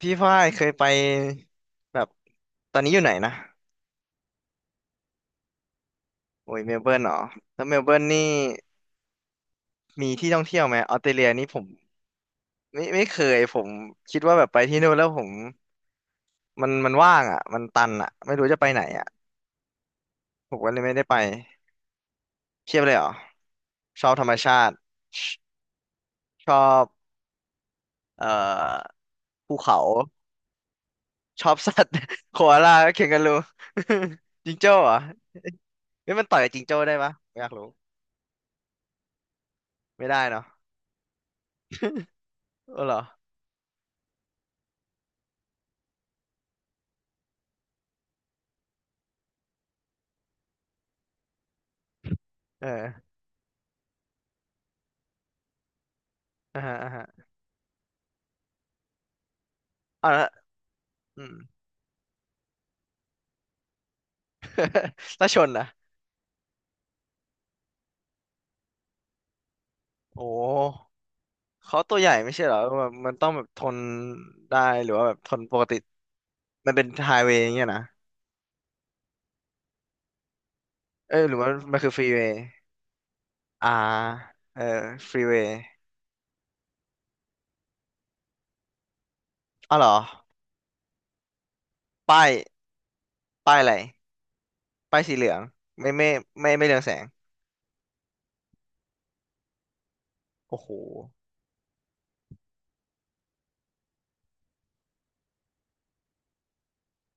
พี่ฝ้ายเคยไปแบบตอนนี้อยู่ไหนนะโอ้ยเมลเบิร์นเหรอแล้วเมลเบิร์นนี่มีที่ท่องเที่ยวไหมออสเตรเลียนี่ผมไม่เคยผมคิดว่าแบบไปที่นู่นแล้วผมมันว่างอ่ะมันตันอ่ะไม่รู้จะไปไหนอ่ะผมก็เลยไม่ได้ไปเทียบเลยเหรอชอบธรรมชาติชชอบเอ่อภูเขาชอบสัตว์ โคอาลาเคนการู จิงโจ้เหรอไม่มันต่อยกับจิงโจ้ได้ปะไม่อยากรู้ไม่ได้เนาะเออเหรอเอออ่าฮะอ่าฮะเอาละ แล้วชนล่ะโอ้เขาตัวใหญ่ไม่ใช่เหรอแบบมันต้องแบบทนได้หรือว่าแบบทนปกติมันเป็นไฮเวย์อย่างเงี้ยนะเอ้ยหรือว่ามันคือฟรีเวย์อ่าเออฟรีเวย์อ๋อเหรอป้ายป้ายอะไรป้ายสีเหลืองไม่ไม่เรืองแสงโอ้โห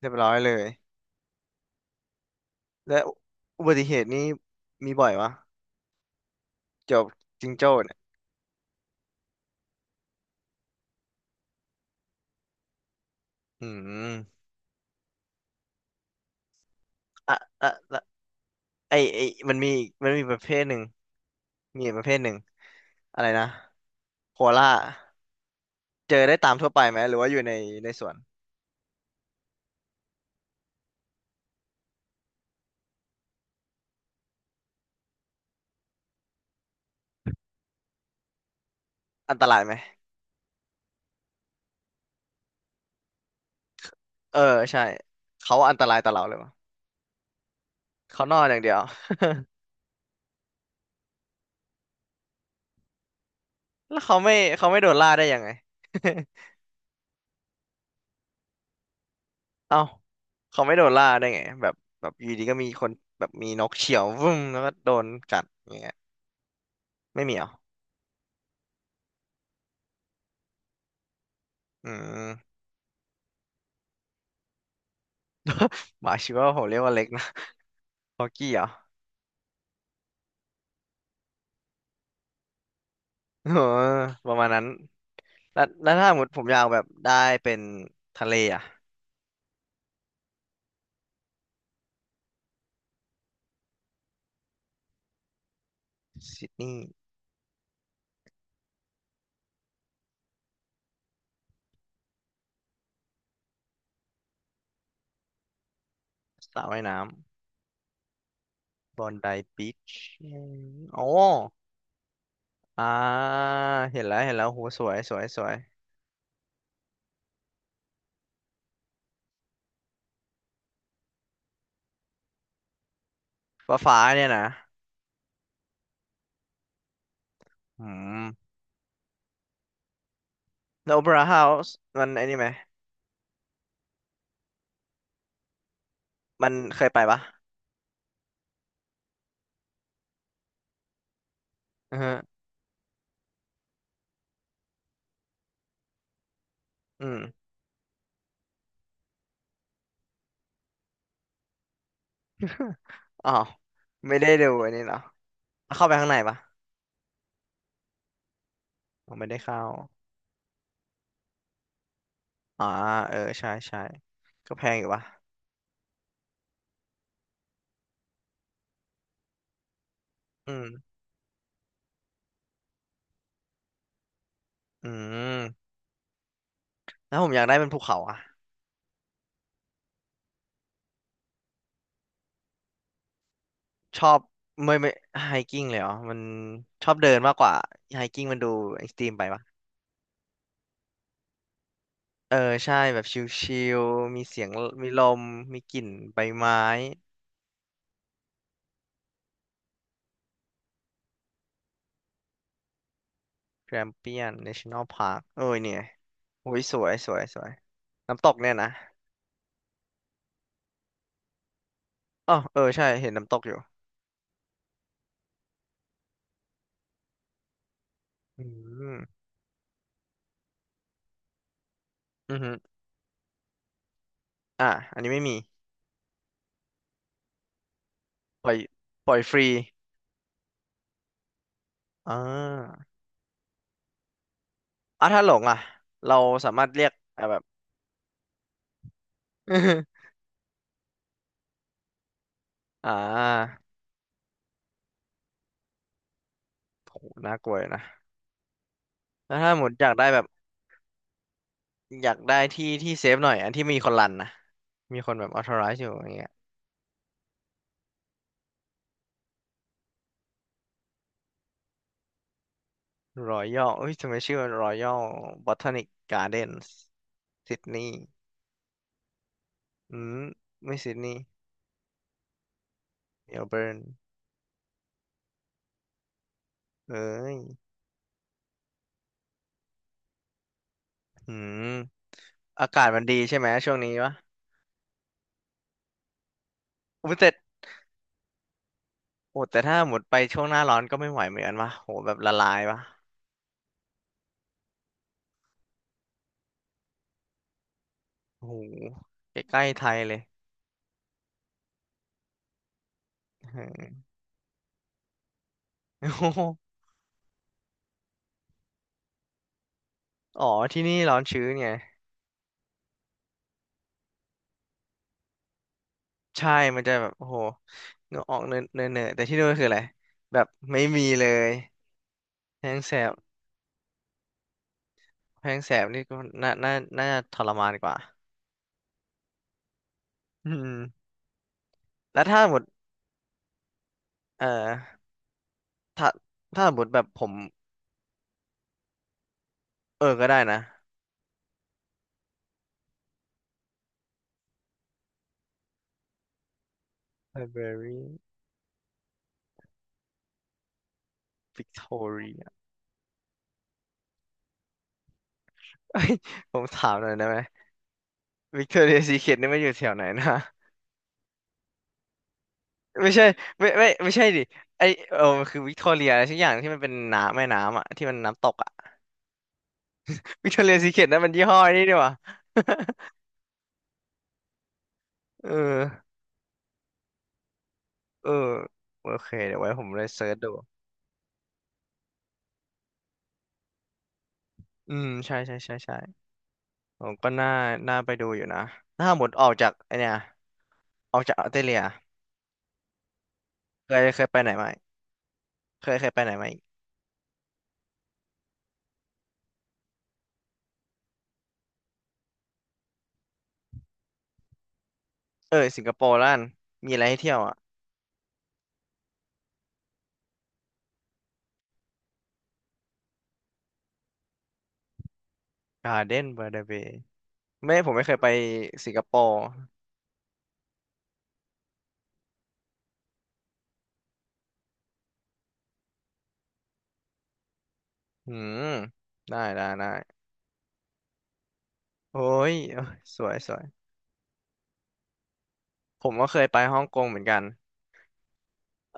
เรียบร้อยเลยแล้วอุบัติเหตุนี่มีบ่อยวะเกี่ยวกับจิงโจ้เนี่ยอืมอ่ะอ่ะละไอมันมีอีกมันมีประเภทหนึ่งมีอีกประเภทหนึ่งอะไรนะโคอาล่า เจอได้ตามทั่วไปไหมหรือว่าอยู่ในในสวนอันตรายไหมเออใช่เขาอันตรายต่อเราเลยวะเขานอนอย่างเดียวแล้วเขาไม่โดนล่าได้ยังไง เอ้าเขาไม่โดนล่าได้ไงแบบแบบอยู่ดีก็มีคนแบบมีนกเฉี่ยววุ้มแล้วก็โดนกัดอย่างเงี้ยไม่มีเหรออืมบาชิว่าผมเรียกว่าเล็กนะฮอกกี้เหรอเออประมาณนั้นแล้วถ้าสมมติผมอยากแบบได้เป็นทะเลอ่ะซิดนีย์สระว่ายน้ำบอนไดบีชอ๋อ อ่าเห็นแล้วเห็นแล้วโหสวยสวยสวยฟ้าฟ้าเนี่ยนะอืมแล้วโอเปร่าเฮาส์มันไอ้นี่ไหมมันเคยไปปะอือฮะอืม อ้าวไม่ได้ดูอันนี้เนาเข้าไปข้างในปะอไม่ได้เข้าอ่าเออใช่ใช่ก็แพงอยู่ปะอืมอืมแล้วผมอยากได้เป็นภูเขาอะชอบไม่ไฮกิ้งเลยเหรอมันชอบเดินมากกว่าไฮกิ้งมันดูเอ็กซ์ตรีมไปปะ เออใช่แบบชิลๆมีเสียงมีลมมีกลิ่นใบไม้แกรมเปียน n a t น o n ลพาร์ k เอ้ยเนี่ยโอ้ยสวยสวยสวยน้ำตกเนี่ยนะอ๋อเออใช่เห็นน้ำตกอยู่อืมอือฮึอ่ะอันนี้ไม่มีปล่อยปล่อยฟรีอ่าอ่ะถ้าหลงอ่ะเราสามารถเรียกอ่ะแบบ อ่าโหน่ากลัวอยู่นะแล้วถ้าหมดอยากได้แบบอยากได้ที่ที่เซฟหน่อยอันที่มีคนรันนะมีคนแบบ authorize อยู่อย่างเงี้ย รอยัลเอ้ยทำไมชื่อรอยัลบอทนิกการ์เดนส์ซิดนีย์อืมไม่ซิดนีย์เมลเบิร์นเอ้ยอืมอากาศมันดีใช่ไหมช่วงนี้วะอุ้ยแต่โอ้แต่ถ้าหมดไปช่วงหน้าร้อนก็ไม่ไหวเหมือนกันวะโหแบบละลายวะโอ้โหใกล้ๆไทยเลย เออโอ้โหอ๋อที่นี่ร้อนชื้นไงใช่มันจะแบบโอ้โหเนื้อออกเนื้อเนื้อแต่ที่นู่นคืออะไร แบบไม่มีเลยแห้งแสบ แพงแสบนี่ก็น่าน่าจะทรมานกว่าอืมแล้วถ้าหมดเอ่อถ้าถ้าหมดแบบผมเออก็ได้นะ Library Victoria เอ้ยผมถามหน่อยได้ไหม Victoria Secret นี่มันอยู่แถวไหนนะ ไม่ใช่ไม่ไม่ใช่ดิไอเออมันคือวิกตอเรียอะไรสักอย่างที่มันเป็นน้ำแม่น้ำอะที่มันน้ำตกอะ วิกตอเรียซีเคร็ตนั่นมันยี่ห้อไอนี่ดีกว่า เออเออโอเคเดี๋ยวไว้ผมเลยเซิร์ชดูอืมใช่ใช่ใช่ ผมก็น่าไปดูอยู่นะถ้าหมดออกจากไอเนี่ยออกจากออสเตรเลียเคยไปไหนมาอีกเคยไปไหนมาอีกเออสิงคโปร์ล่นมีอะไรให้เที่ยวอ่ะการ์เด้นบาร์เบย์ไม่ผมไม่เคยไปสิงคโปร์อืมได้ได้ได้โอ้ยเอ้ยสวยสวยผมก็เคยไปฮ่องกงเหมือนกัน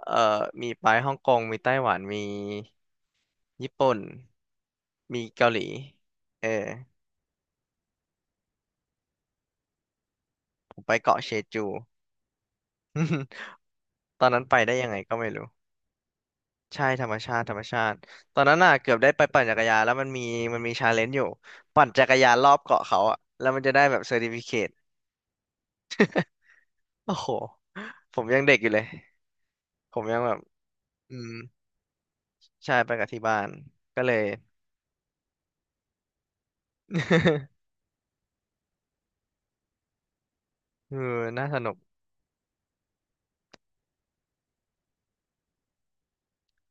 เอ่อมีไปฮ่องกงมีไต้หวันมีญี่ปุ่นมีเกาหลีเออผมไปเกาะเชจู ตอนนั้นไปได้ยังไงก็ไม่รู้ ใช่ธรรมชาติธรรมชาติตอนนั้นน่ะเกือบได้ไปปั่นจักรยานแล้วมันมีชาเลนจ์อยู่ปั่นจักรยานรอบเกาะเขาอ่ะแล้วมันจะได้แบบเซอร์ติฟิเคตโอ้โหผมยังเด็กอยู่เลยผมยังแบบอืมใช่ไปกับที่บ้านก็เลย เออน่าสนุก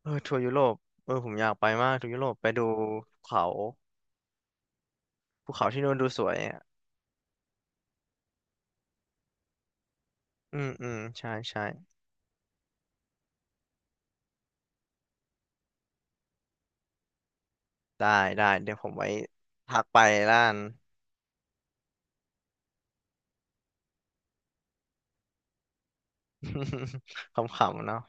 เออทัวร์ยุโรปเออผมอยากไปมากทัวร์ยุโรปไปดูเขาภูเขาที่นู่นดูสวยอ่ะอืมอืมใช่ใช่ได้ได้เดี๋ยวผมไว้ทักไปล้าน ขำๆเนาะ